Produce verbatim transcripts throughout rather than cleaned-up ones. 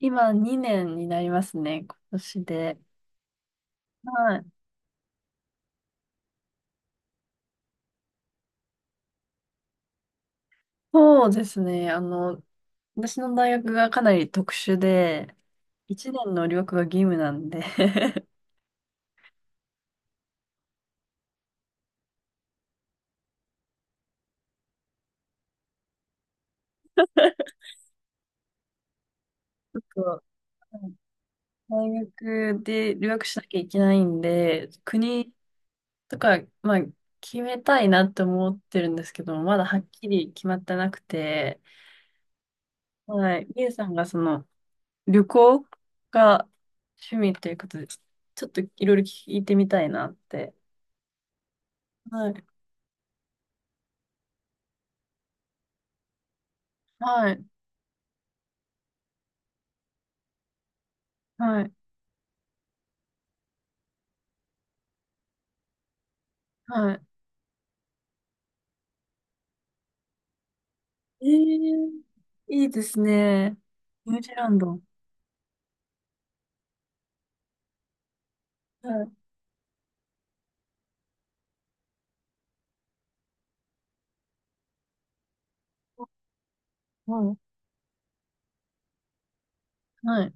今にねんになりますね、今年で。はい。そうですね。あの、私の大学がかなり特殊で、いちねんの留学が義務なんで ちょっと、はい、大学で留学しなきゃいけないんで、国とか、まあ、決めたいなって思ってるんですけど、まだはっきり決まってなくて、はい。リエさんがその、旅行が趣味ということで、ちょっといろいろ聞いてみたいなって。はい。はい。はい。はい。えー、いいですね。ニュージーランド。はい。ははい。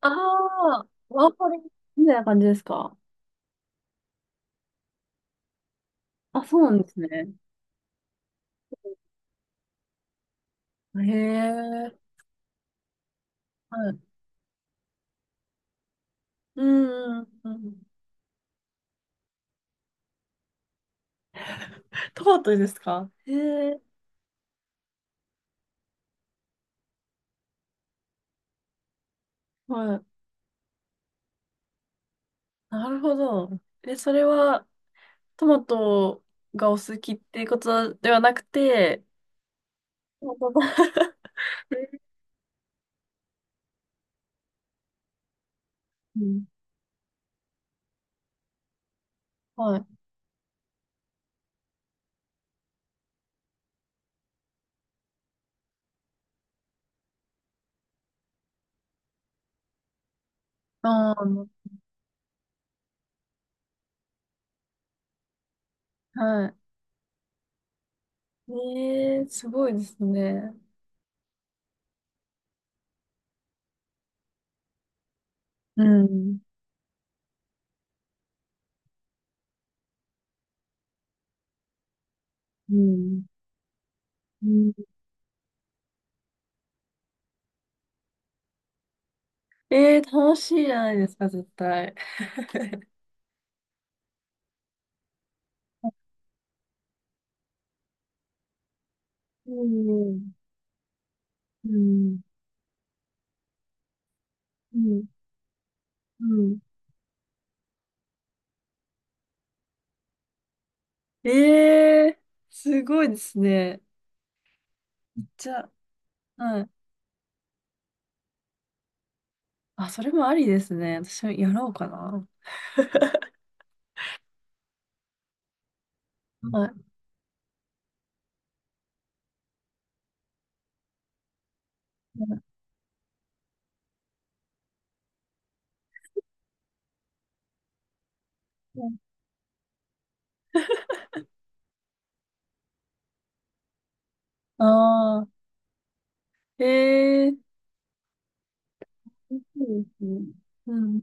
ああ、ワーホリみたいな感じですか？あ、そうなんですね。へえ。はい。うんうんうん。トマトですか？へえ。はい。なるほど。え、それはトマトがお好きっていうことではなくて、トマトが、うん、はい。ああ、はい。ええ、すごいですね。うん。うん。うん、えー、楽しいじゃないですか、絶対。うん。うん。うん。うん、えー、すごいですね。じゃあ、はい。あ、それもありですね。私もやろうかな。はい。ああー、えー、いいですね。うん。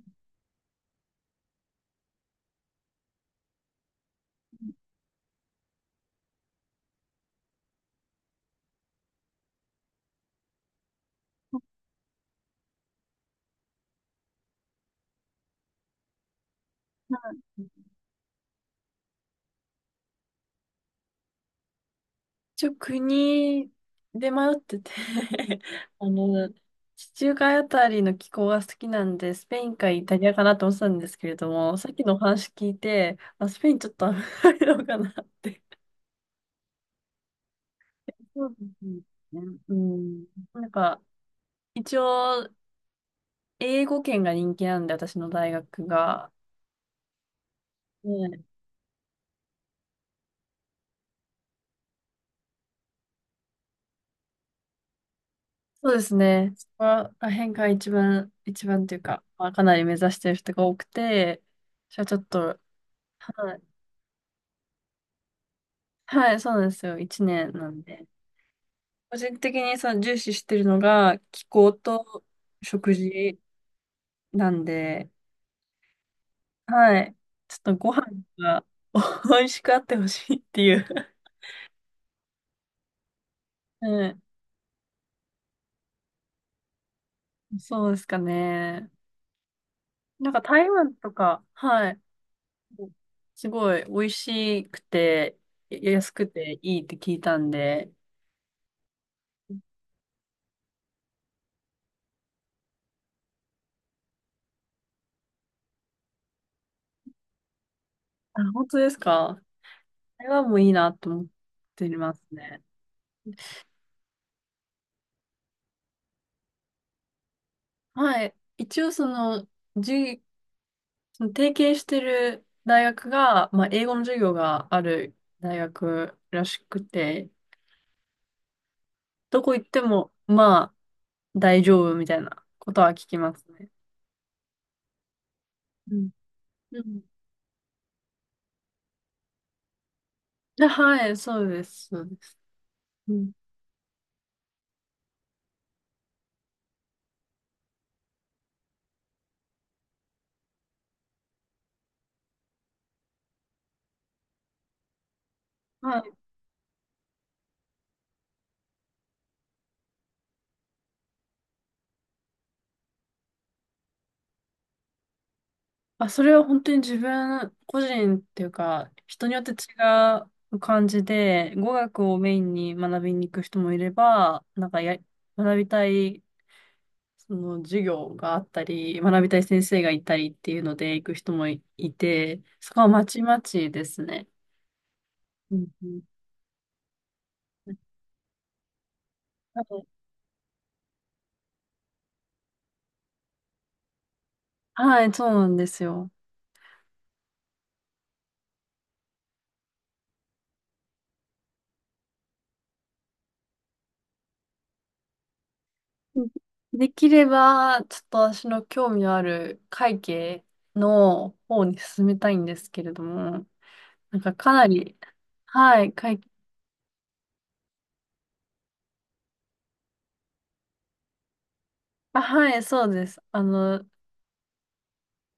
一応国で迷ってて あの、地中海あたりの気候が好きなんで、スペインかイタリアかなと思ってたんですけれども、さっきのお話聞いて、あ、スペインちょっと危ないのかなって。そうですね。うん。なんか、一応、英語圏が人気なんで、私の大学が。ね、そうですね。そこら辺が一番、一番というか、まあ、かなり目指してる人が多くて、じゃあちょっと、はいはい、そうなんですよ。いちねんなんで。個人的にその重視してるのが気候と食事なんで、はい。ちょっとご飯が 美味しくあってほしいっていう、はい そうですかね。なんか台湾とか、はい。すごい美味しくて、や安くていいって聞いたんで、あ、本当ですか？台湾もいいなと思ってますね。はい。一応その、じゅうその提携してる大学が、まあ、英語の授業がある大学らしくて、どこ行っても、まあ、大丈夫みたいなことは聞きますね。うん。うん。あ、はい、そうです、そうです。うん。まあ、まあ、それは本当に自分個人っていうか、人によって違う感じで、語学をメインに学びに行く人もいれば、なんかや、学びたいその授業があったり、学びたい先生がいたりっていうので行く人もいて、そこはまちまちですね。うんうん。なので、はい、そうなんですよ。うん、できれば、ちょっと私の興味のある会計の方に進めたいんですけれども、なんかかなり、はい、会、あ、はい、そうです。あの、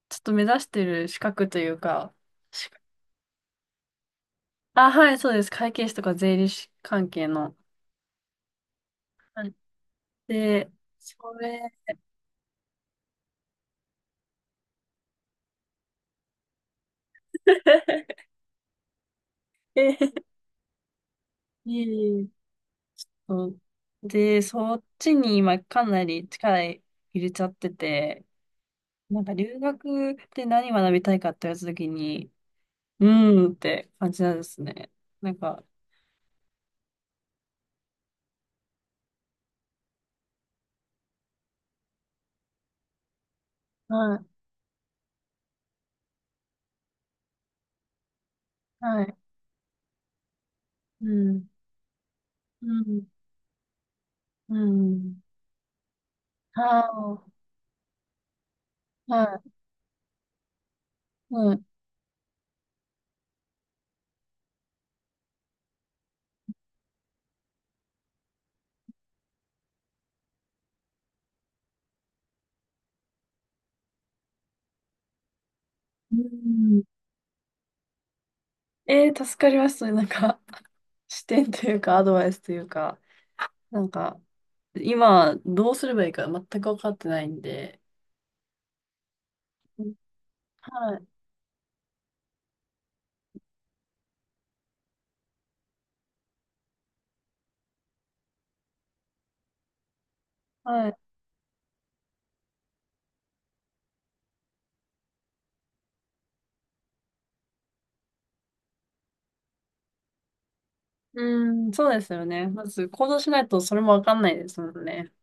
ちょっと目指してる資格というか、資格あ、はい、そうです。会計士とか税理士関係の。で、それ、えええと で、そっちに今かなり力入れちゃってて、なんか留学で何学びたいかって言われたときに、うーんって感じなんですね。なんか、はい、はい、うん、うん、うん、はいはい、はい、うん。えー、助かります。なんか、視点というか、アドバイスというか、なんか、今、どうすればいいか全く分かってないんで、はい。はい。うん、そうですよね。まず行動しないとそれもわかんないですもんね。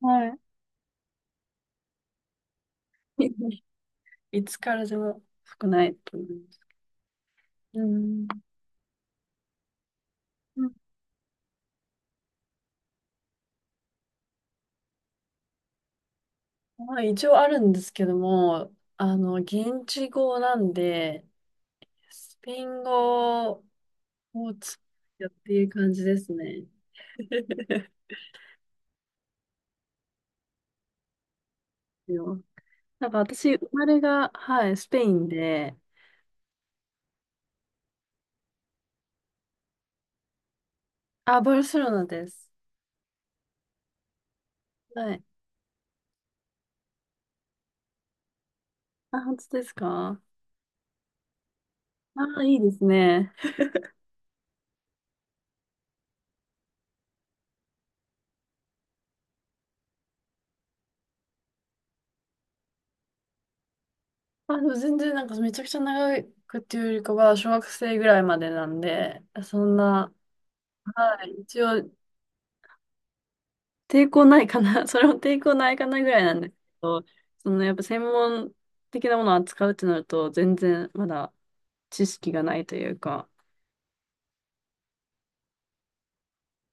はい。いつからでも少ないと思います。うん。うん、まあ、一応あるんですけども、あの、現地語なんで、スペイン語をつやっていう感じですね。よなんか私、生まれが、はい、スペインで、あ、バルセロナです。はい。あ、本当ですか？あ、いいですね。あ、でも全然なんかめちゃくちゃ長くっていうよりかは、小学生ぐらいまでなんで、そんな、はい、一応抵抗ないかな、それも抵抗ないかなぐらいなんですけど、そのやっぱ専門的なものを扱うってなると、全然まだ知識がないというか。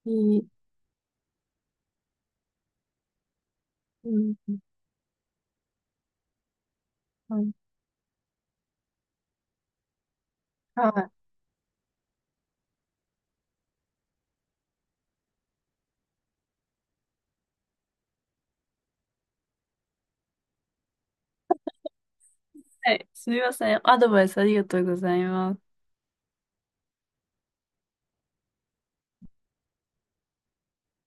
いいうん、はい。はい、はい、すみません。アドバイスありがとうございます。